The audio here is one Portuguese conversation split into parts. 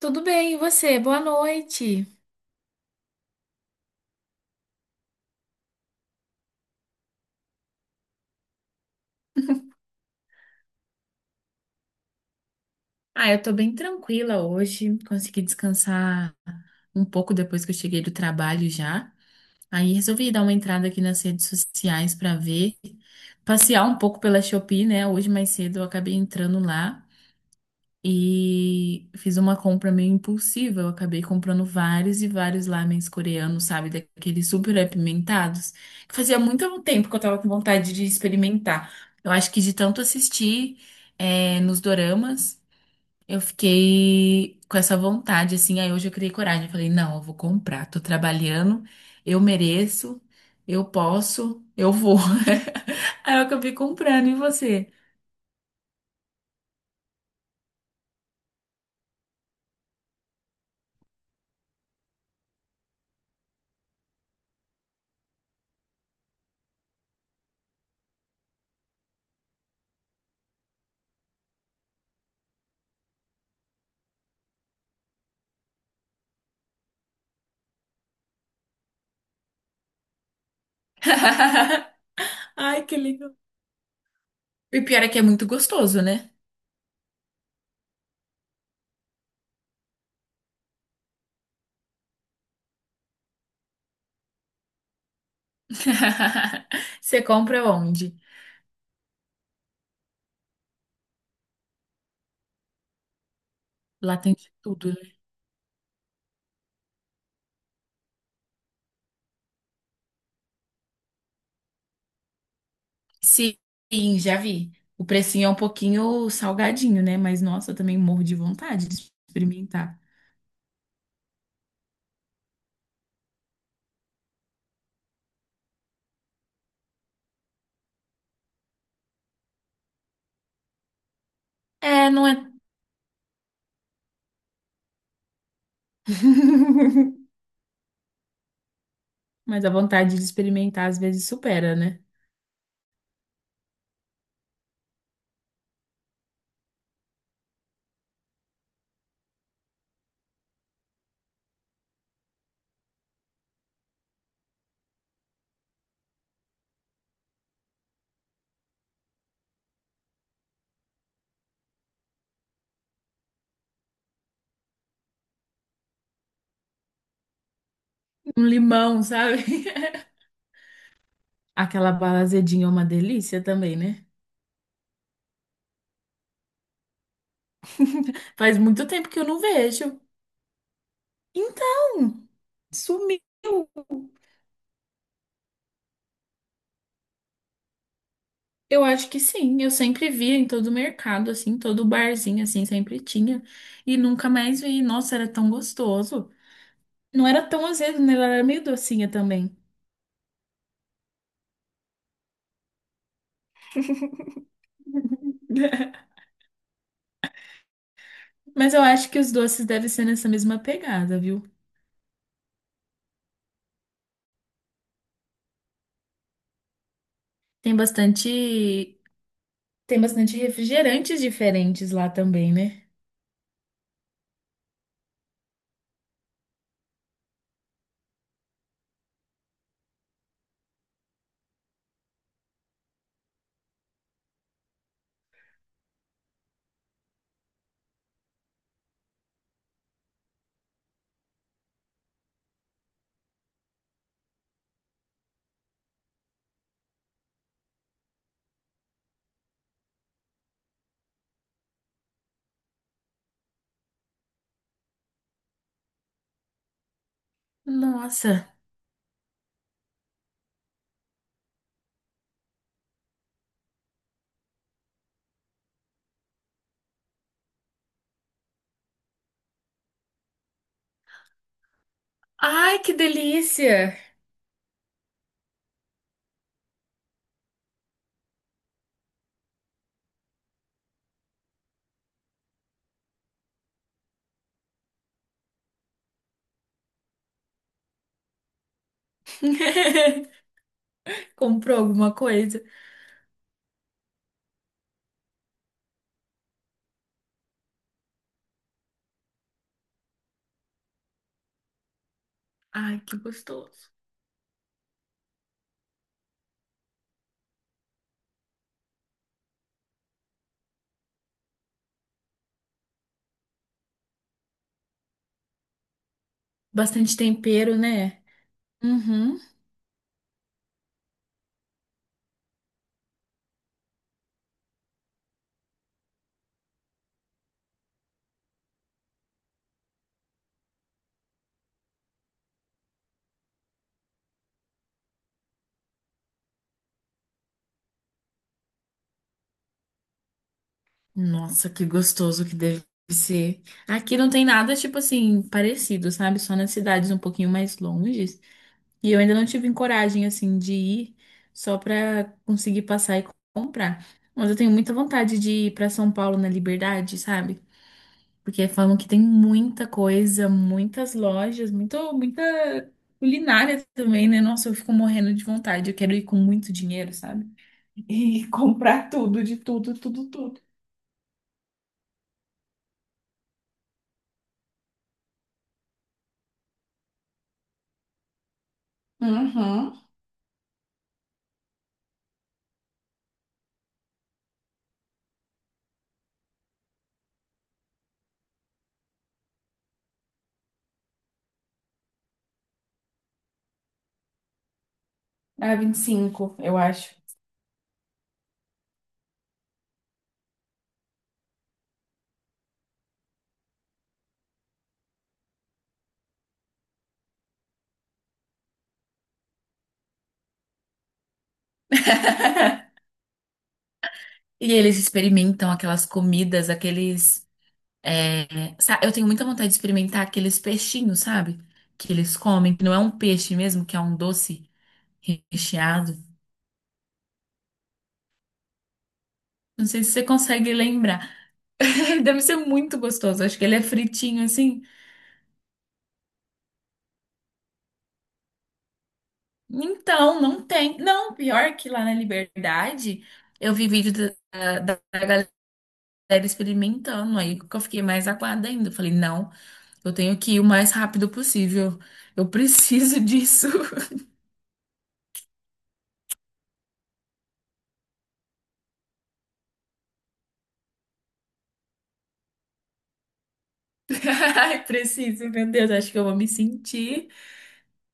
Tudo bem, e você? Boa noite. Ah, eu tô bem tranquila hoje. Consegui descansar um pouco depois que eu cheguei do trabalho já. Aí resolvi dar uma entrada aqui nas redes sociais pra ver, passear um pouco pela Shopee, né? Hoje mais cedo eu acabei entrando lá. E fiz uma compra meio impulsiva. Eu acabei comprando vários e vários lamens coreanos, sabe? Daqueles super apimentados. Que Fazia muito tempo que eu tava com vontade de experimentar. Eu acho que de tanto assistir nos doramas, eu fiquei com essa vontade, assim. Aí hoje eu criei coragem. Eu falei, não, eu vou comprar. Tô trabalhando, eu mereço, eu posso, eu vou. Aí eu acabei comprando. E você? Ai, que legal. E o pior é que é muito gostoso, né? Você compra onde? Lá tem de tudo, né? Sim, já vi. O precinho é um pouquinho salgadinho, né? Mas nossa, eu também morro de vontade de experimentar. É, não é. Mas a vontade de experimentar às vezes supera, né? Um limão, sabe? Aquela bala azedinha é uma delícia também, né? Faz muito tempo que eu não vejo. Então, sumiu. Eu acho que sim, eu sempre via em todo mercado, assim, todo barzinho, assim, sempre tinha. E nunca mais vi. Nossa, era tão gostoso. Não era tão azedo, né? Ela era meio docinha também. Mas eu acho que os doces devem ser nessa mesma pegada, viu? Tem bastante, tem bastante refrigerantes diferentes lá também, né? Nossa. Ai, que delícia! Comprou alguma coisa? Ai, que gostoso. Bastante tempero, né? Uhum. Nossa, que gostoso que deve ser. Aqui não tem nada, tipo assim, parecido, sabe? Só nas cidades um pouquinho mais longes. E eu ainda não tive coragem, assim, de ir só pra conseguir passar e comprar. Mas eu tenho muita vontade de ir pra São Paulo na Liberdade, sabe? Porque falam que tem muita coisa, muitas lojas, muito, muita culinária também, né? Nossa, eu fico morrendo de vontade. Eu quero ir com muito dinheiro, sabe? E comprar tudo, de tudo, tudo, tudo. Uhum. Ah, 25 eu acho. E eles experimentam aquelas comidas, aqueles. Eu tenho muita vontade de experimentar aqueles peixinhos, sabe? Que eles comem, que não é um peixe mesmo, que é um doce recheado. Não sei se você consegue lembrar. Deve ser muito gostoso. Acho que ele é fritinho assim. Então, não tem. Não, pior que lá na Liberdade, eu vi vídeo da galera experimentando. Aí que eu fiquei mais aguada ainda. Eu falei, não. Eu tenho que ir o mais rápido possível. Eu preciso disso. Ai, preciso, meu Deus. Acho que eu vou me sentir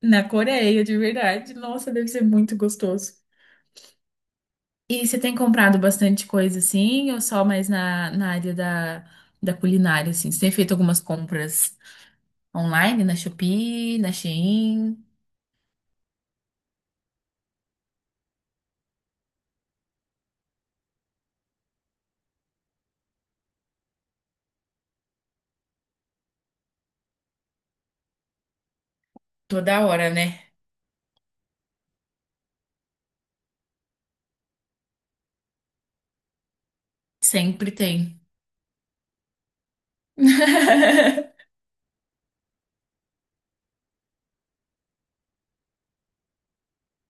na Coreia, de verdade. Nossa, deve ser muito gostoso. E você tem comprado bastante coisa assim, ou só mais na área da culinária, assim? Você tem feito algumas compras online, na Shopee, na Shein? Toda hora, né? Sempre tem.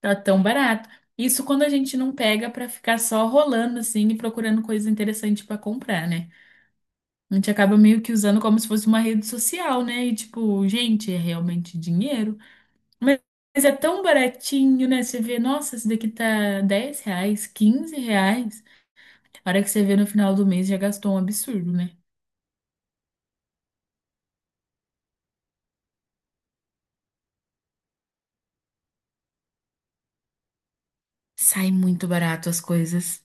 Tá tão barato. Isso quando a gente não pega pra ficar só rolando assim e procurando coisa interessante pra comprar, né? A gente acaba meio que usando como se fosse uma rede social, né? E tipo, gente, é realmente dinheiro. Mas mas é tão baratinho, né? Você vê, nossa, esse daqui tá R$ 10, R$ 15. A hora que você vê no final do mês já gastou um absurdo, né? Sai muito barato as coisas.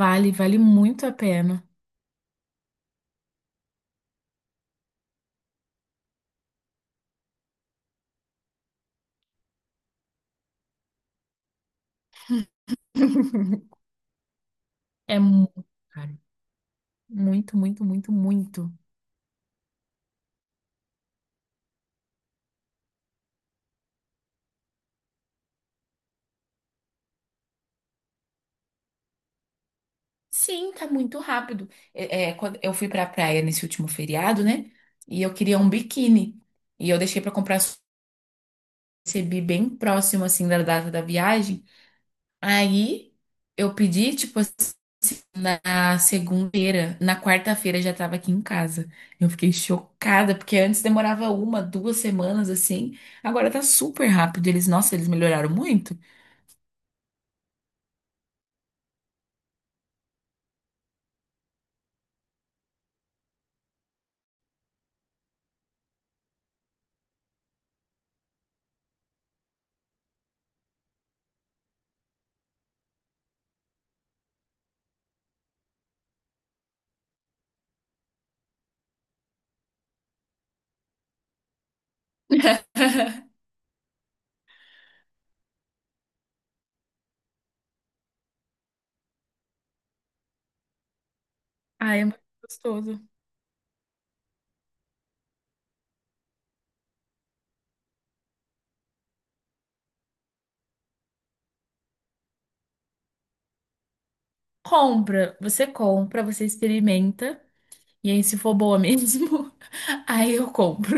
Vale, vale muito a pena. É muito caro. Muito, muito, muito, muito. Sim, tá muito rápido. Quando eu fui pra praia nesse último feriado, né? E eu queria um biquíni. E eu deixei pra comprar, recebi bem próximo, assim, da data da viagem. Aí eu pedi, tipo, assim, na segunda-feira, na quarta-feira já tava aqui em casa. Eu fiquei chocada, porque antes demorava uma, duas semanas, assim. Agora tá super rápido. Eles, nossa, eles melhoraram muito. Ai, é muito gostoso. Compra, você experimenta. E aí, se for boa mesmo, aí eu compro.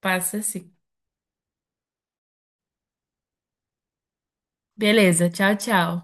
Passa assim. Beleza, tchau, tchau.